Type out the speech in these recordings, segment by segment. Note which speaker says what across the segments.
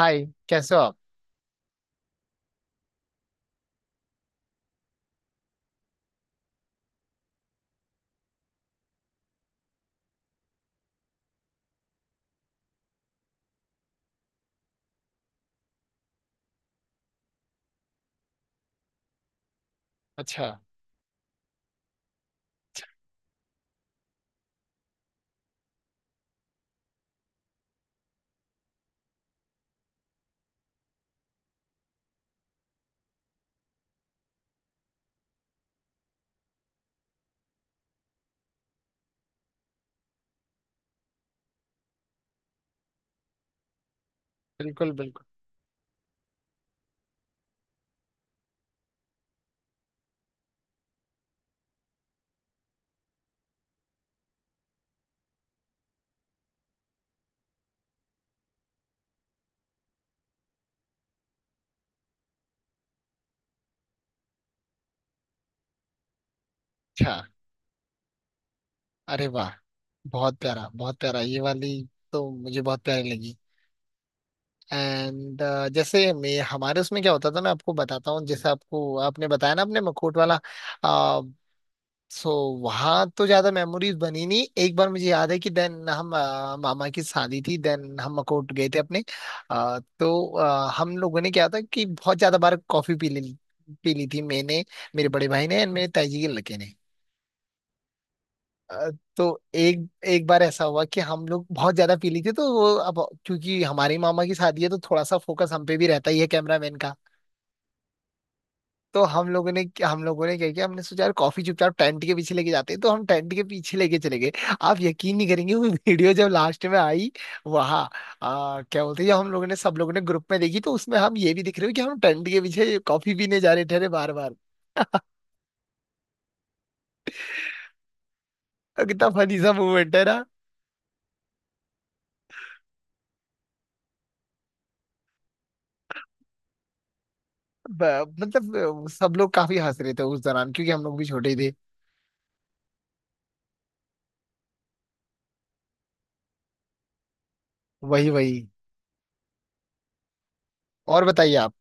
Speaker 1: हाय। कैसे हो आप? अच्छा। बिल्कुल बिल्कुल। अच्छा। अरे वाह, बहुत प्यारा बहुत प्यारा, ये वाली तो मुझे बहुत प्यारी लगी। एंड जैसे मैं, हमारे उसमें क्या होता था मैं आपको बताता हूँ। जैसे आपको, आपने बताया ना अपने मखोट वाला, सो वहाँ तो ज्यादा मेमोरीज बनी नहीं। एक बार मुझे याद है कि देन हम मामा की शादी थी, देन हम मखोट गए थे अपने। तो हम लोगों ने क्या था कि बहुत ज्यादा बार कॉफी पी ली। पी ली थी मैंने, मेरे बड़े भाई ने एंड मेरे ताई जी के लड़के ने। अ, तो एक एक बार ऐसा हुआ कि हम लोग बहुत ज्यादा पी ली थी, तो वो अब, क्योंकि हमारी मामा की शादी है तो थोड़ा सा फोकस हम पे भी रहता ही है कैमरामैन का। तो हम लोगों ने क्या किया, हमने सोचा यार कॉफी चुपचाप टेंट के पीछे लेके जाते हैं, तो हम टेंट के पीछे लेके चले गए। आप यकीन नहीं करेंगे, वो वीडियो जब लास्ट में आई वहाँ, क्या बोलते हैं, जब हम लोगों ने, सब लोगों ने ग्रुप में देखी, तो उसमें हम ये भी दिख रहे हो कि हम टेंट के पीछे कॉफी पीने जा रहे थे। अरे बार बार, कितना फनी सा मूवमेंट है ना। मतलब सब लोग काफी हंस रहे थे उस दौरान, क्योंकि हम लोग भी छोटे ही थे। वही वही। और बताइए आप।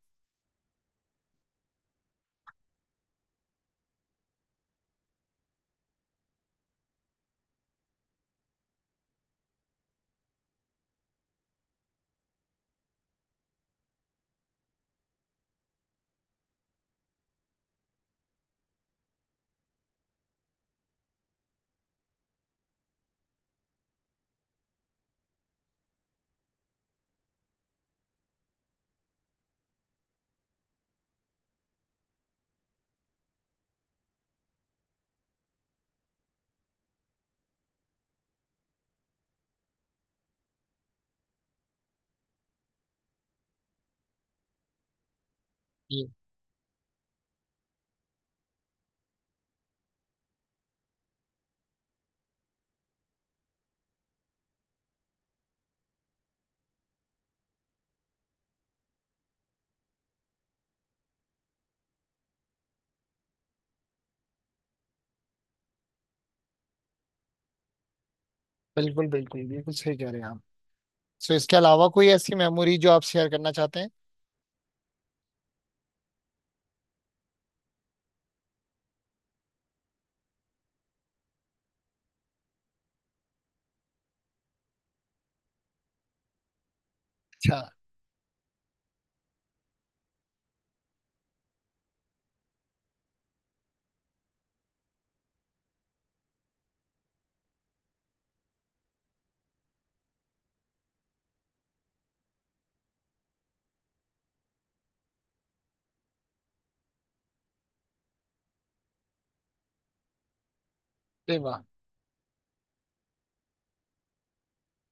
Speaker 1: ये- बिल्कुल बिल्कुल, बिल्कुल सही कह रहे हैं आप। सो इसके अलावा कोई ऐसी मेमोरी जो आप शेयर करना चाहते हैं? अच्छा। अरे वाह।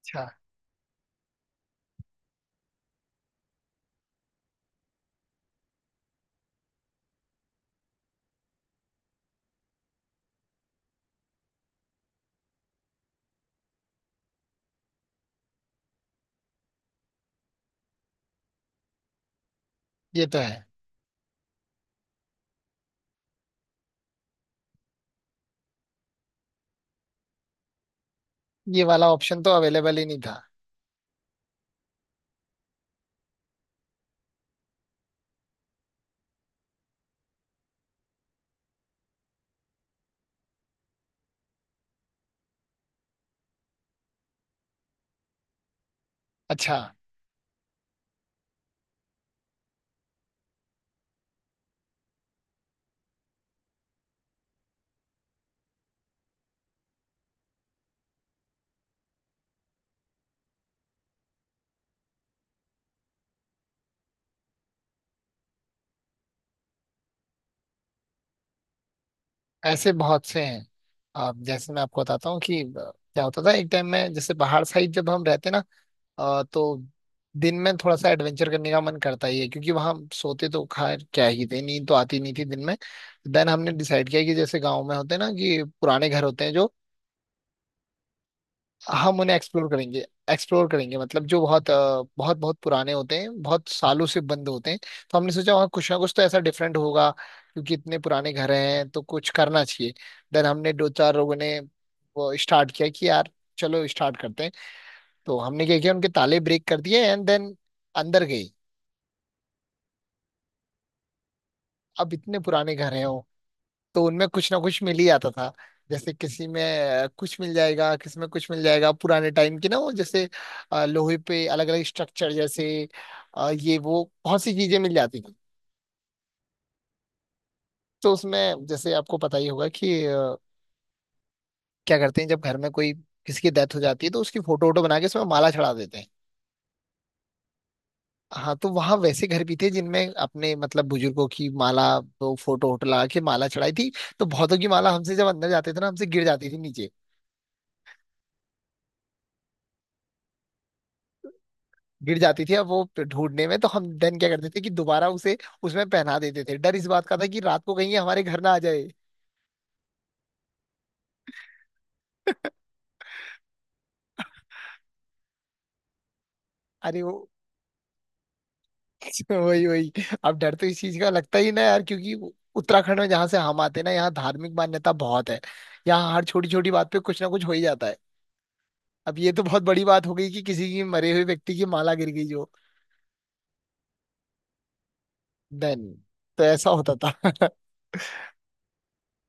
Speaker 1: अच्छा। ये तो है। ये वाला ऑप्शन तो अवेलेबल ही नहीं था। अच्छा। ऐसे बहुत से हैं आप। जैसे मैं आपको बताता हूँ कि क्या होता था, एक टाइम में जैसे पहाड़ साइड जब हम रहते ना, तो दिन में थोड़ा सा एडवेंचर करने का मन करता ही है, क्योंकि वहां सोते तो खैर क्या ही थे, नींद तो आती नहीं थी दिन में। देन हमने डिसाइड किया कि जैसे गांव में होते हैं ना कि पुराने घर होते हैं जो, हम उन्हें एक्सप्लोर करेंगे। एक्सप्लोर करेंगे मतलब जो बहुत बहुत बहुत पुराने होते हैं, बहुत सालों से बंद होते हैं। तो हमने सोचा वहाँ कुछ ना कुछ तो ऐसा डिफरेंट होगा, क्योंकि इतने पुराने घर हैं तो कुछ करना चाहिए। देन हमने दो चार लोगों ने वो स्टार्ट किया कि यार चलो स्टार्ट करते हैं। तो हमने क्या किया, उनके ताले ब्रेक कर दिए एंड देन अंदर गए। अब इतने पुराने घर हैं, तो उनमें कुछ ना कुछ मिल ही आता था। जैसे किसी में कुछ मिल जाएगा, किसी में कुछ मिल जाएगा, पुराने टाइम की ना वो, जैसे लोहे पे अलग अलग स्ट्रक्चर, जैसे ये वो बहुत सी चीजें मिल जाती थी। तो उसमें जैसे आपको पता ही होगा कि क्या करते हैं, जब घर में कोई, किसी की डेथ हो जाती है, तो उसकी फोटो वोटो बना के उसमें माला चढ़ा देते हैं। हाँ, तो वहाँ वैसे घर भी थे जिनमें अपने मतलब बुजुर्गों की माला, वो फोटो वोटो लगा के माला चढ़ाई थी। तो बहुतों की माला हमसे, जब अंदर जाते थे ना, हमसे गिर जाती थी नीचे। गिर जाती थी। अब वो ढूंढने में तो हम देन क्या करते थे कि दोबारा उसे उसमें पहना देते थे। डर इस बात का था कि रात को कहीं ये हमारे घर ना आ जाए। अरे वो, वही वही। अब डर तो इस चीज का लगता ही ना यार, क्योंकि उत्तराखंड में जहाँ से हम आते हैं ना, यहाँ धार्मिक मान्यता बहुत है। यहाँ हर छोटी छोटी बात पे कुछ ना कुछ हो ही जाता है। अब ये तो बहुत बड़ी बात हो गई कि किसी की, मरे हुए व्यक्ति की माला गिर गई जो। देन, तो ऐसा होता था।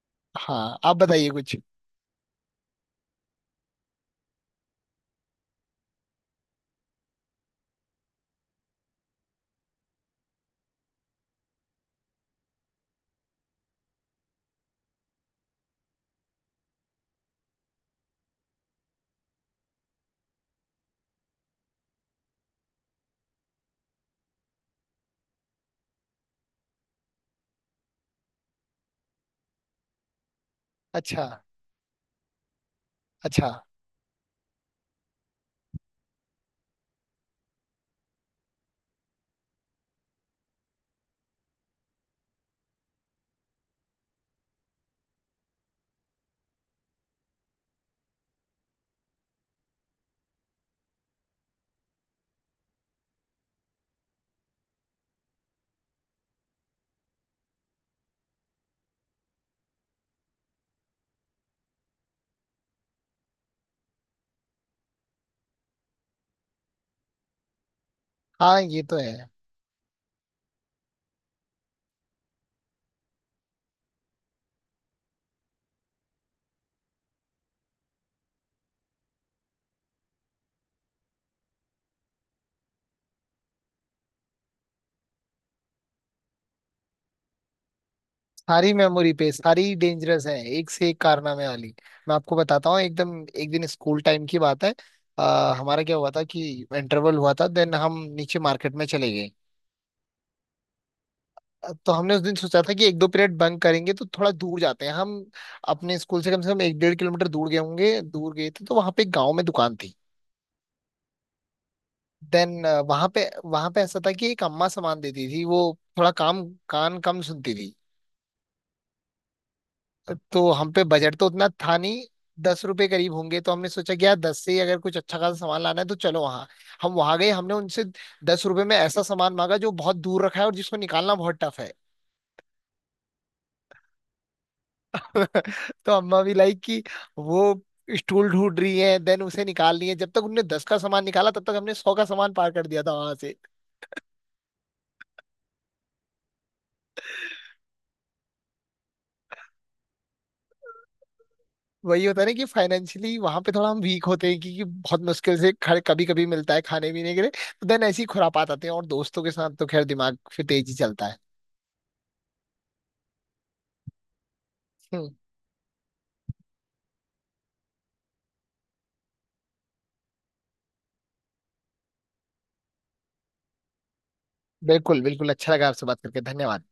Speaker 1: हाँ, आप बताइए कुछ। अच्छा। अच्छा। हाँ ये तो है। सारी मेमोरी पे। सारी डेंजरस है, एक से एक कारनामे वाली। मैं आपको बताता हूँ एकदम, एक दिन स्कूल टाइम की बात है। हमारा क्या हुआ था कि इंटरवल हुआ था, देन हम नीचे मार्केट में चले गए। तो हमने उस दिन सोचा था कि एक दो पीरियड बंक करेंगे, तो थोड़ा दूर जाते हैं हम। अपने स्कूल से कम एक डेढ़ किलोमीटर दूर गए होंगे, दूर गए थे। तो वहां पे एक गाँव में दुकान थी। देन वहां पे ऐसा था कि एक अम्मा सामान देती थी। वो थोड़ा काम कान कम सुनती थी। तो हम पे बजट तो उतना था नहीं, 10 रुपए करीब होंगे। तो हमने सोचा कि यार 10 से ही अगर कुछ अच्छा खासा सामान लाना है तो चलो वहाँ। हम वहां गए, हमने उनसे 10 रुपए में ऐसा सामान मांगा जो बहुत दूर रखा है और जिसको निकालना बहुत टफ है। तो अम्मा भी लाइक कि वो स्टूल ढूंढ रही है, देन उसे निकाल रही है। जब तक उनने 10 का सामान निकाला, तब तक हमने 100 का सामान पार कर दिया था वहां से। वही होता है ना कि फाइनेंशियली वहां पे थोड़ा हम वीक होते हैं, क्योंकि बहुत मुश्किल से कभी कभी मिलता है खाने पीने के लिए। तो देन ऐसी खुरापात आते हैं, और दोस्तों के साथ तो खैर दिमाग फिर तेज ही चलता है। हम्म। बिल्कुल बिल्कुल, अच्छा लगा आपसे बात करके, धन्यवाद।